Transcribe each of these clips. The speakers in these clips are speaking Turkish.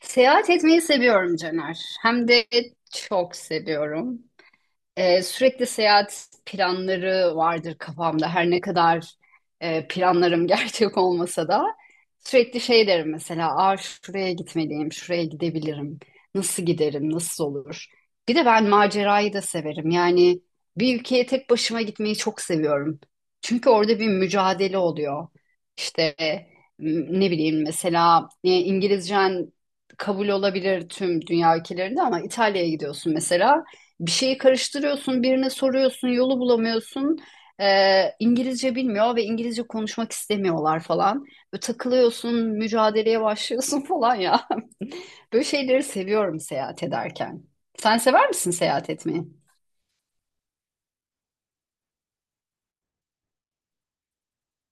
Seyahat etmeyi seviyorum Caner. Hem de çok seviyorum. Sürekli seyahat planları vardır kafamda. Her ne kadar planlarım gerçek olmasa da sürekli şey derim mesela, Aa, şuraya gitmeliyim, şuraya gidebilirim. Nasıl giderim, nasıl olur? Bir de ben macerayı da severim. Yani bir ülkeye tek başıma gitmeyi çok seviyorum. Çünkü orada bir mücadele oluyor. İşte ne bileyim mesela İngilizcen kabul olabilir tüm dünya ülkelerinde ama İtalya'ya gidiyorsun mesela. Bir şeyi karıştırıyorsun, birine soruyorsun, yolu bulamıyorsun. İngilizce bilmiyor ve İngilizce konuşmak istemiyorlar falan. Böyle takılıyorsun, mücadeleye başlıyorsun falan ya. Böyle şeyleri seviyorum seyahat ederken. Sen sever misin seyahat etmeyi?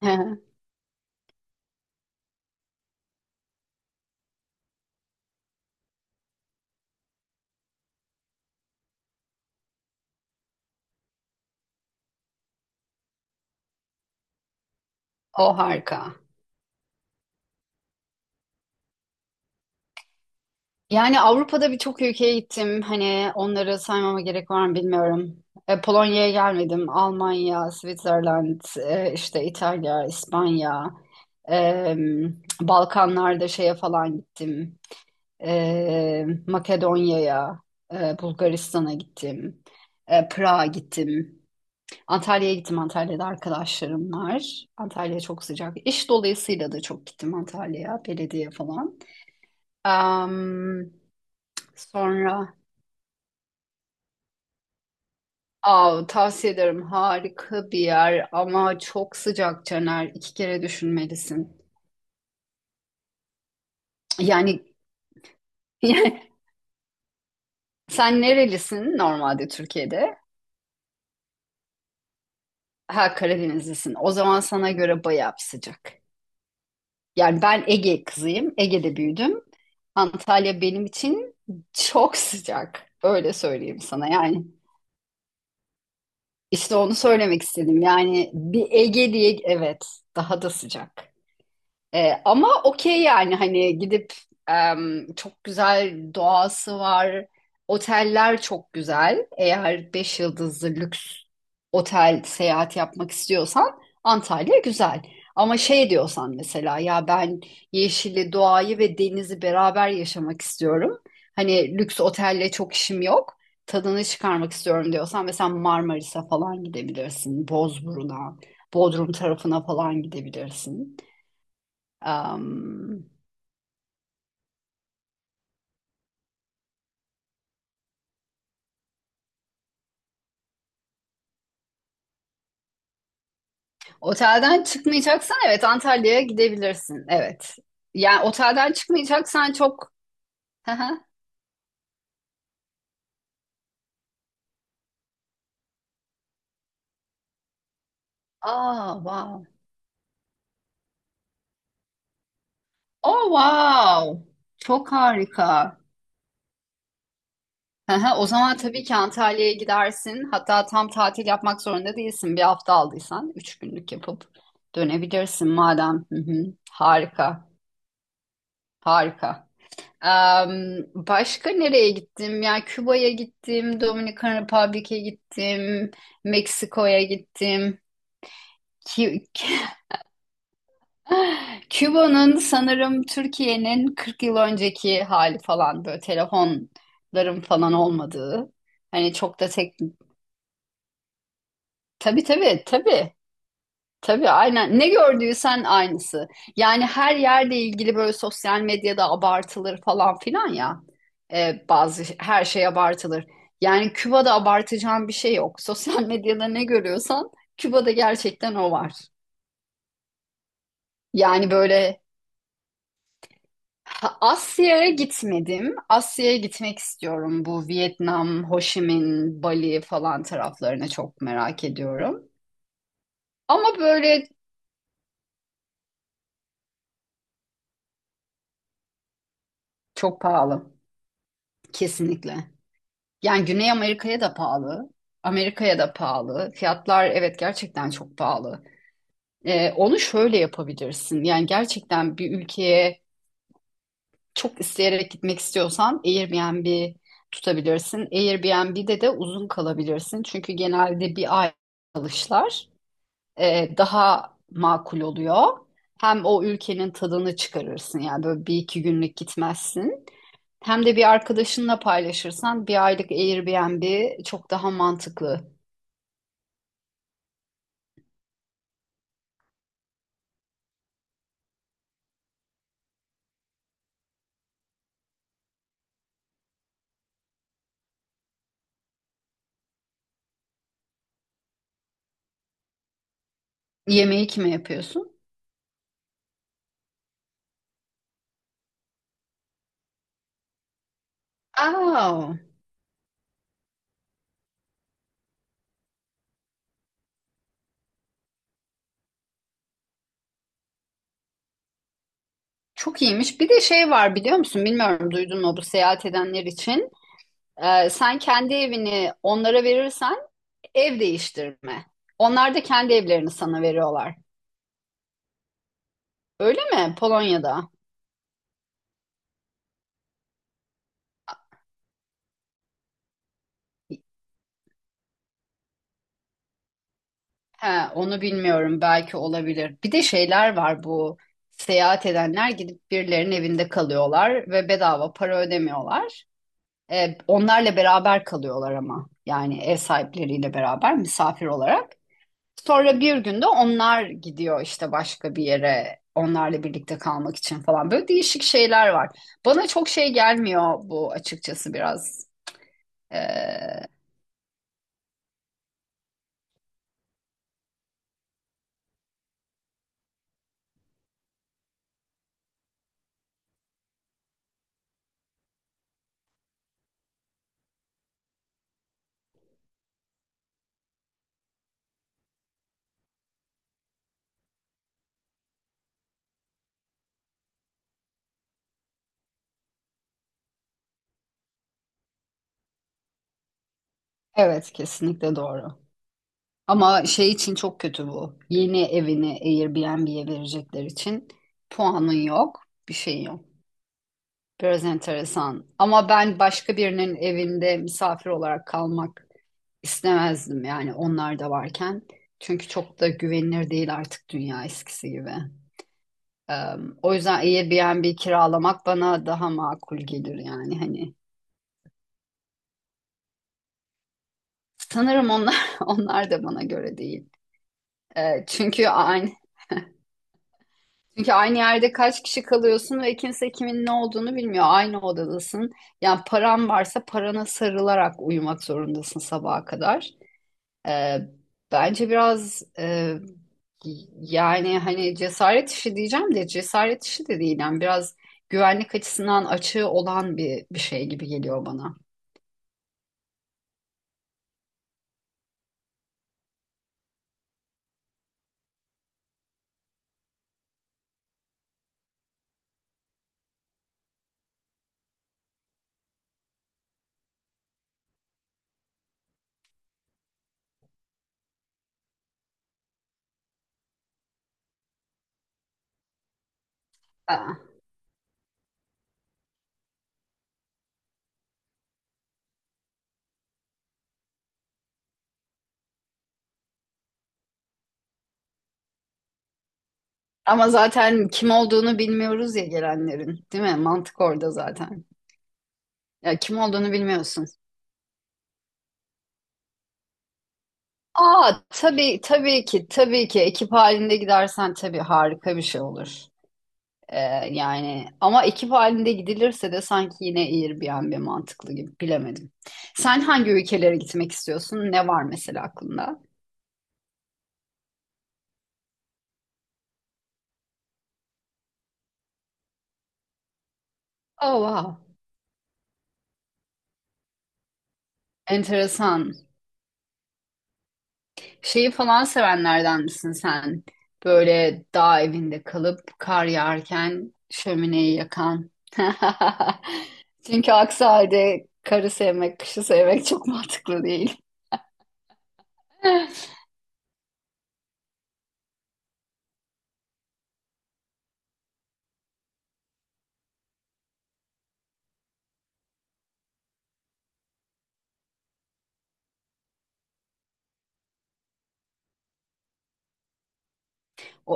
O harika. Yani Avrupa'da birçok ülkeye gittim. Hani onları saymama gerek var mı bilmiyorum. Polonya'ya gelmedim. Almanya, Switzerland, işte İtalya, İspanya, e, Balkanlarda şeye falan gittim. Makedonya'ya, Bulgaristan'a gittim. Prag'a gittim. Antalya'ya gittim. Antalya'da arkadaşlarım var. Antalya çok sıcak. İş dolayısıyla da çok gittim Antalya'ya, belediye falan. Am, Sonra Aa, tavsiye ederim. Harika bir yer ama çok sıcak Caner. İki kere düşünmelisin. Yani sen nerelisin normalde Türkiye'de? Ha Karadenizlisin. O zaman sana göre bayağı bir sıcak. Yani ben Ege kızıyım. Ege'de büyüdüm. Antalya benim için çok sıcak. Öyle söyleyeyim sana. Yani işte onu söylemek istedim. Yani bir Ege diye evet daha da sıcak. Ama okey yani hani gidip çok güzel doğası var. Oteller çok güzel. Eğer beş yıldızlı lüks otel seyahat yapmak istiyorsan Antalya güzel. Ama şey diyorsan mesela ya ben yeşili, doğayı ve denizi beraber yaşamak istiyorum. Hani lüks otelle çok işim yok. Tadını çıkarmak istiyorum diyorsan mesela Marmaris'e falan gidebilirsin. Bozburun'a, Bodrum tarafına falan gidebilirsin. Am, otelden çıkmayacaksan evet Antalya'ya gidebilirsin. Evet. Yani otelden çıkmayacaksan çok. Hı hı. Aa, wow. Oh, wow. Çok harika. Hı hı. O zaman tabii ki Antalya'ya gidersin. Hatta tam tatil yapmak zorunda değilsin. Bir hafta aldıysan üç günlük yapıp dönebilirsin madem. Hı hı. Harika. Harika. Başka nereye gittim? Yani Küba'ya gittim, Dominikan Republic'e gittim, Meksiko'ya gittim. Kü- Küba'nın sanırım Türkiye'nin 40 yıl önceki hali falan böyle telefonların falan olmadığı. Hani çok da tek... Tabii tabii tabii. Tabii aynen. Ne gördüysen aynısı. Yani her yerde ilgili böyle sosyal medyada abartılır falan filan ya. Bazı her şey abartılır. Yani Küba'da abartacağın bir şey yok. Sosyal medyada ne görüyorsan Küba'da gerçekten o var. Yani böyle ha, Asya'ya gitmedim. Asya'ya gitmek istiyorum. Bu Vietnam, Ho Chi Minh, Bali falan taraflarına çok merak ediyorum. Ama böyle çok pahalı. Kesinlikle. Yani Güney Amerika'ya da pahalı. Amerika'ya da pahalı. Fiyatlar evet gerçekten çok pahalı. Onu şöyle yapabilirsin. Yani gerçekten bir ülkeye çok isteyerek gitmek istiyorsan Airbnb tutabilirsin. Airbnb'de de uzun kalabilirsin. Çünkü genelde bir ay kalışlar daha makul oluyor. Hem o ülkenin tadını çıkarırsın. Yani böyle bir iki günlük gitmezsin. Hem de bir arkadaşınla paylaşırsan bir aylık Airbnb çok daha mantıklı. Yemeği kime yapıyorsun? Aa, çok iyiymiş. Bir de şey var biliyor musun? Bilmiyorum duydun mu bu seyahat edenler için. Sen kendi evini onlara verirsen ev değiştirme. Onlar da kendi evlerini sana veriyorlar. Öyle mi? Polonya'da. He, onu bilmiyorum. Belki olabilir. Bir de şeyler var bu. Seyahat edenler gidip birilerinin evinde kalıyorlar ve bedava para ödemiyorlar. Onlarla beraber kalıyorlar ama. Yani ev sahipleriyle beraber misafir olarak. Sonra bir günde onlar gidiyor işte başka bir yere onlarla birlikte kalmak için falan. Böyle değişik şeyler var. Bana çok şey gelmiyor bu açıkçası biraz. Ee, evet kesinlikle doğru. Ama şey için çok kötü bu. Yeni evini Airbnb'ye verecekler için puanın yok, bir şeyin yok. Biraz enteresan. Ama ben başka birinin evinde misafir olarak kalmak istemezdim yani onlar da varken. Çünkü çok da güvenilir değil artık dünya eskisi gibi. Ee, o yüzden Airbnb kiralamak bana daha makul gelir yani hani. Sanırım onlar onlar da bana göre değil. Ee, çünkü aynı çünkü aynı yerde kaç kişi kalıyorsun ve kimse kimin ne olduğunu bilmiyor. Aynı odadasın. Yani paran varsa parana sarılarak uyumak zorundasın sabaha kadar. Ee, bence biraz yani hani cesaret işi diyeceğim de cesaret işi de değil. Yani biraz güvenlik açısından açığı olan bir şey gibi geliyor bana. Ha. Ama zaten kim olduğunu bilmiyoruz ya gelenlerin, değil mi? Mantık orada zaten. Ya kim olduğunu bilmiyorsun. Aa tabii tabii ki tabii ki ekip halinde gidersen tabii harika bir şey olur. Ee, yani ama ekip halinde gidilirse de sanki yine Airbnb mantıklı gibi bilemedim. Sen hangi ülkelere gitmek istiyorsun? Ne var mesela aklında? Oh wow. Enteresan. Şeyi falan sevenlerden misin sen? Böyle dağ evinde kalıp kar yağarken şömineyi yakan. Çünkü aksi halde karı sevmek, kışı sevmek çok mantıklı değil. O,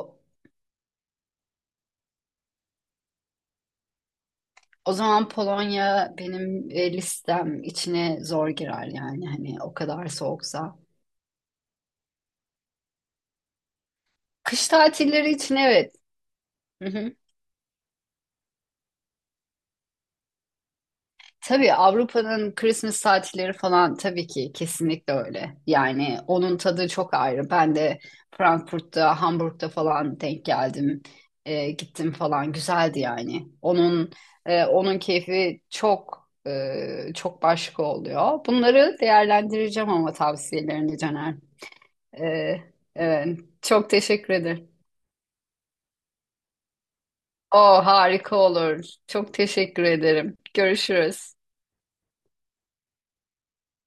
O zaman Polonya benim listem içine zor girer yani hani o kadar soğuksa. Kış tatilleri için evet. Hı hı. Tabii Avrupa'nın Christmas tatilleri falan tabii ki kesinlikle öyle. Yani onun tadı çok ayrı. Ben de Frankfurt'ta, Hamburg'da falan denk geldim. Gittim falan güzeldi yani. Onun keyfi çok çok başka oluyor. Bunları değerlendireceğim ama tavsiyelerini Caner. Ee, evet. Çok teşekkür ederim. O harika olur. Çok teşekkür ederim. Görüşürüz.